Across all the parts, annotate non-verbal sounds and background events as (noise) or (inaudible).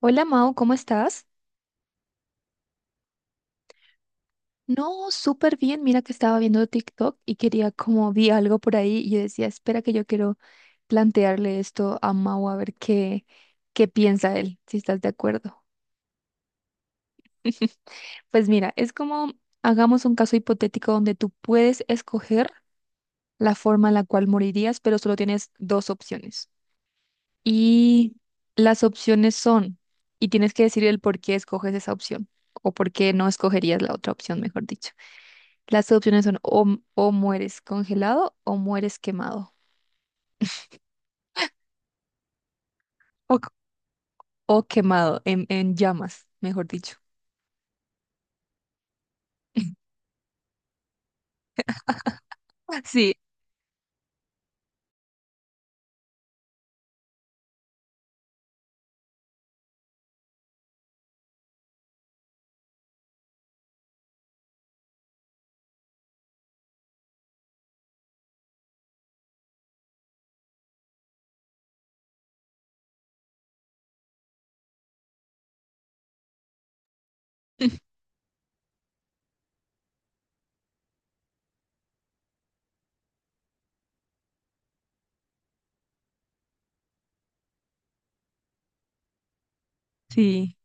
Hola Mau, ¿cómo estás? No, súper bien. Mira que estaba viendo TikTok y quería como vi algo por ahí y yo decía, espera que yo quiero plantearle esto a Mau a ver qué, qué piensa él, si estás de acuerdo. Pues mira, es como hagamos un caso hipotético donde tú puedes escoger la forma en la cual morirías, pero solo tienes dos opciones. Y las opciones son, y tienes que decir el por qué escoges esa opción o por qué no escogerías la otra opción, mejor dicho. Las opciones son o mueres congelado o mueres quemado. O, o quemado, en llamas, mejor dicho. Sí, sí.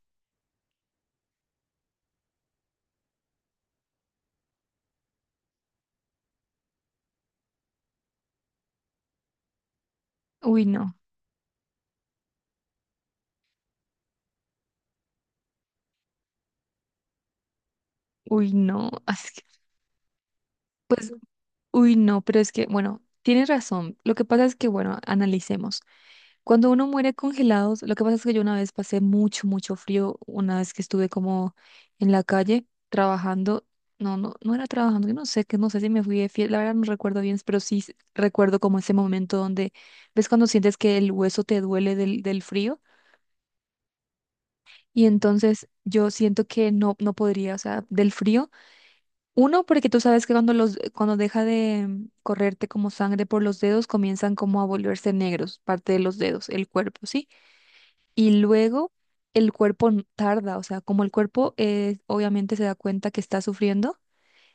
Uy, no, uy, no. (laughs) así que- pues, uy, no, pero es que, bueno, tienes razón. Lo que pasa es que, bueno, analicemos. Cuando uno muere congelados, lo que pasa es que yo una vez pasé mucho, mucho frío, una vez que estuve como en la calle trabajando, no, no, no era trabajando, yo no sé, que no sé si me fui de fiel, la verdad no recuerdo bien, pero sí s- recuerdo como ese momento donde, ves cuando sientes que el hueso te duele del frío, y entonces yo siento que no, no podría, o sea, del frío. Uno, porque tú sabes que cuando los, cuando deja de correrte como sangre por los dedos, comienzan como a volverse negros, parte de los dedos, el cuerpo, ¿sí? Y luego el cuerpo n- tarda, o sea, como el cuerpo obviamente se da cuenta que está sufriendo,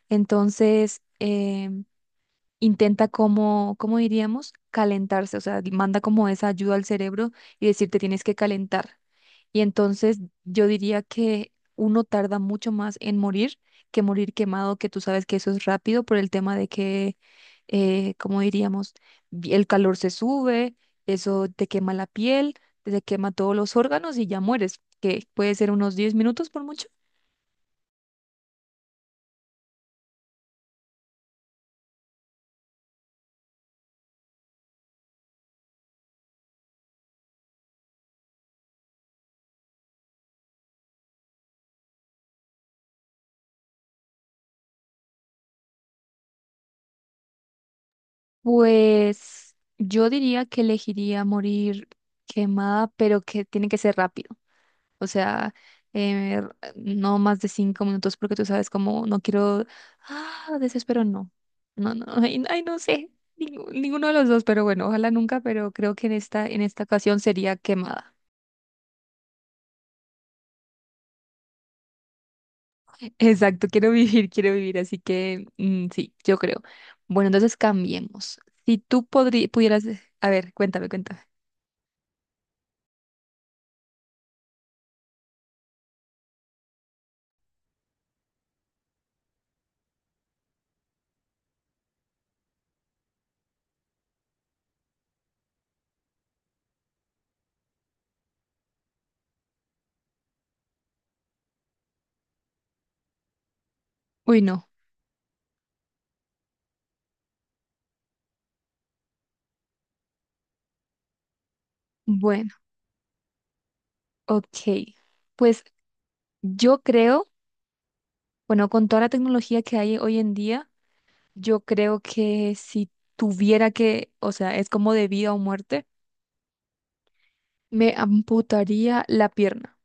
entonces intenta como, ¿cómo diríamos? Calentarse, o sea, manda como esa ayuda al cerebro y decirte tienes que calentar. Y entonces yo diría que uno tarda mucho más en morir que morir quemado, que tú sabes que eso es rápido por el tema de que, como diríamos, vi- el calor se sube, eso te quema la piel, te quema todos los órganos y ya mueres, que puede ser unos 10 minutos por mucho. Pues yo diría que elegiría morir quemada, pero que tiene que ser rápido. O sea, eh, no más de 5 minutos porque tú sabes cómo no quiero, ah, desespero, no. No, no, (laughs) ay, ay, no sé, ningú- ninguno de los dos, pero bueno, ojalá nunca, pero creo que en esta ocasión sería quemada. (laughs) Exacto, quiero vivir, así que mm, sí, yo creo. Bueno, entonces cambiemos. Si tú podri- pudieras, a ver, cuéntame, cuéntame. Uy, no. Bueno, ok. Pues yo creo, bueno, con toda la tecnología que hay hoy en día, yo creo que si tuviera que, o sea, es como de vida o muerte, me amputaría la pierna.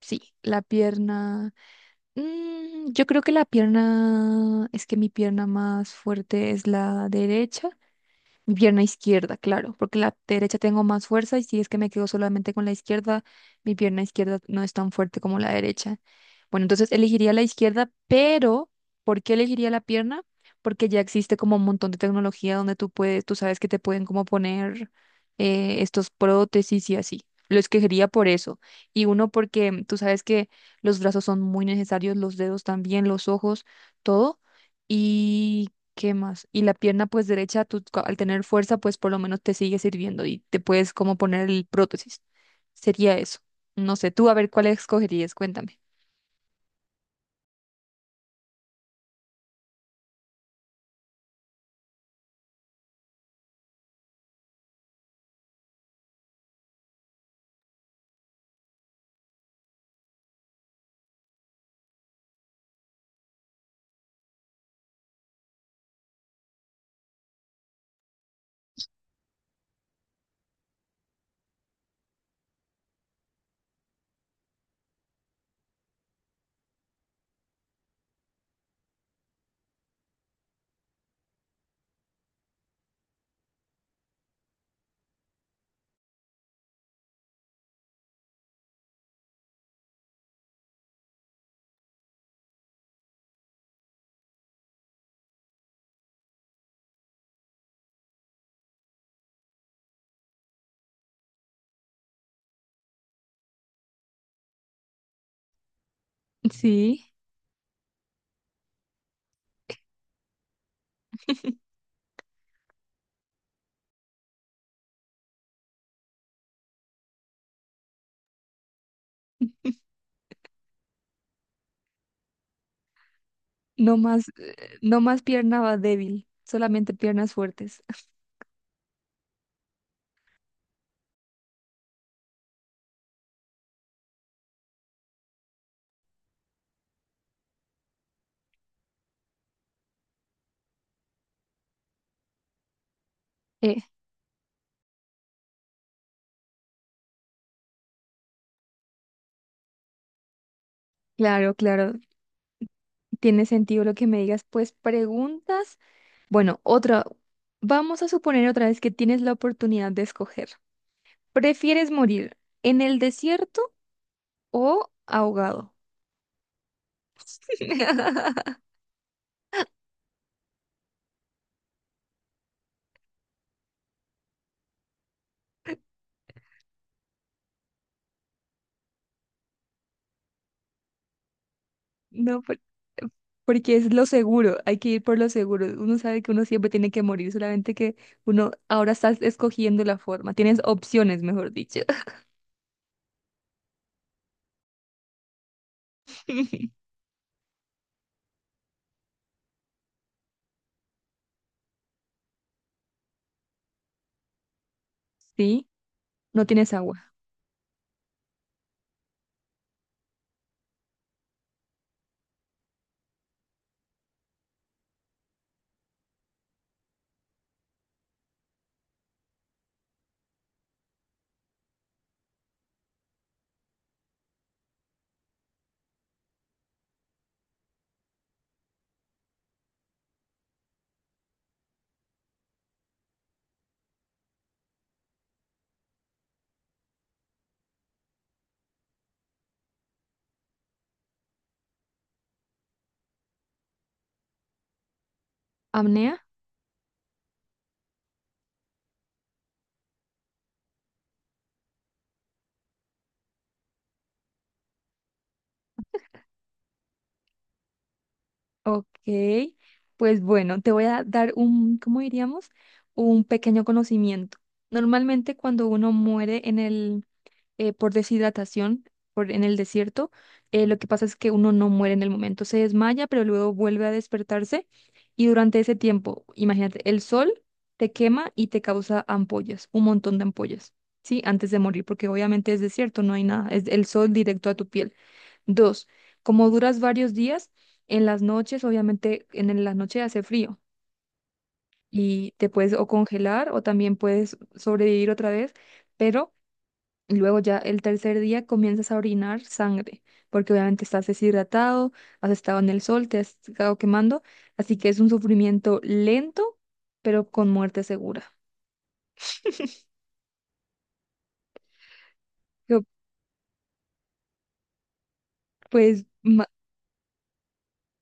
Sí, la pierna. Mm, yo creo que la pierna, es que mi pierna más fuerte es la derecha. Mi pierna izquierda, claro, porque la derecha tengo más fuerza y si es que me quedo solamente con la izquierda, mi pierna izquierda no es tan fuerte como la derecha. Bueno, entonces elegiría la izquierda, pero ¿por qué elegiría la pierna? Porque ya existe como un montón de tecnología donde tú puedes, tú sabes que te pueden como poner estos prótesis y así. Lo escogería por eso. Y uno porque tú sabes que los brazos son muy necesarios, los dedos también, los ojos, todo. ¿Qué más? Y la pierna pues derecha, tú co- al tener fuerza, pues por lo menos te sigue sirviendo y te puedes como poner el prótesis. Sería eso. No sé, tú a ver cuál escogerías, cuéntame. (laughs) Sí, no más, no más pierna va débil, solamente piernas fuertes. (laughs) Eh, claro, claro, tiene sentido lo que me digas. Pues preguntas. Bueno, otra, vamos a suponer otra vez que tienes la oportunidad de escoger. ¿Prefieres morir en el desierto o ahogado? (laughs) No, porque es lo seguro, hay que ir por lo seguro. Uno sabe que uno siempre tiene que morir, solamente que uno ahora estás escogiendo la forma. Tienes opciones, mejor dicho. (laughs) Sí, no tienes agua. ¿Apnea? Ok. Pues bueno, te voy a dar un, ¿cómo diríamos? Un pequeño conocimiento. Normalmente cuando uno muere en el por deshidratación por, en el desierto. Lo que pasa es que uno no muere en el momento, se desmaya, pero luego vuelve a despertarse y durante ese tiempo, imagínate, el sol te quema y te causa ampollas, un montón de ampollas, ¿sí? Antes de morir, porque obviamente es desierto, no hay nada, es el sol directo a tu piel. Dos, como duras varios días, en las noches, obviamente en la noche hace frío. Y te puedes o congelar o también puedes sobrevivir otra vez, pero y luego ya el tercer día comienzas a orinar sangre, porque obviamente estás deshidratado, has estado en el sol, te has estado quemando, así que es un sufrimiento lento, pero con muerte segura. Yo, pues, ma-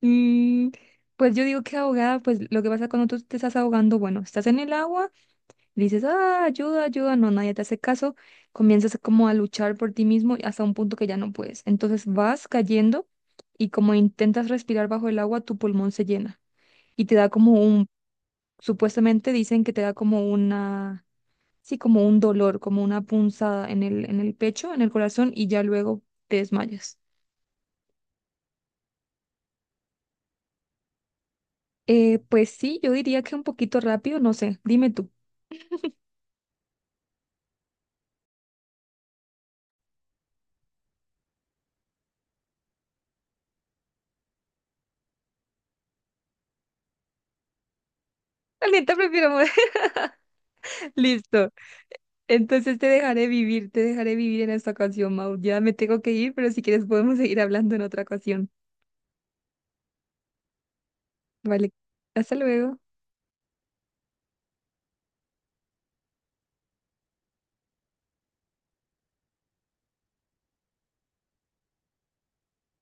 mm, pues yo digo que ahogada, pues lo que pasa cuando tú te estás ahogando, bueno, estás en el agua, y dices, ah, ayuda, ayuda, no, nadie te hace caso, comienzas como a luchar por ti mismo hasta un punto que ya no puedes. Entonces vas cayendo y como intentas respirar bajo el agua, tu pulmón se llena. Y te da como un, supuestamente dicen que te da como una, sí, como un dolor, como una punzada en el pecho, en el corazón y ya luego te desmayas. Pues sí, yo diría que un poquito rápido, no sé, dime tú. (laughs) La neta prefiero morir. (laughs) Listo. Entonces te dejaré vivir en esta ocasión, Mau. Ya me tengo que ir, pero si quieres podemos seguir hablando en otra ocasión. Vale, hasta luego.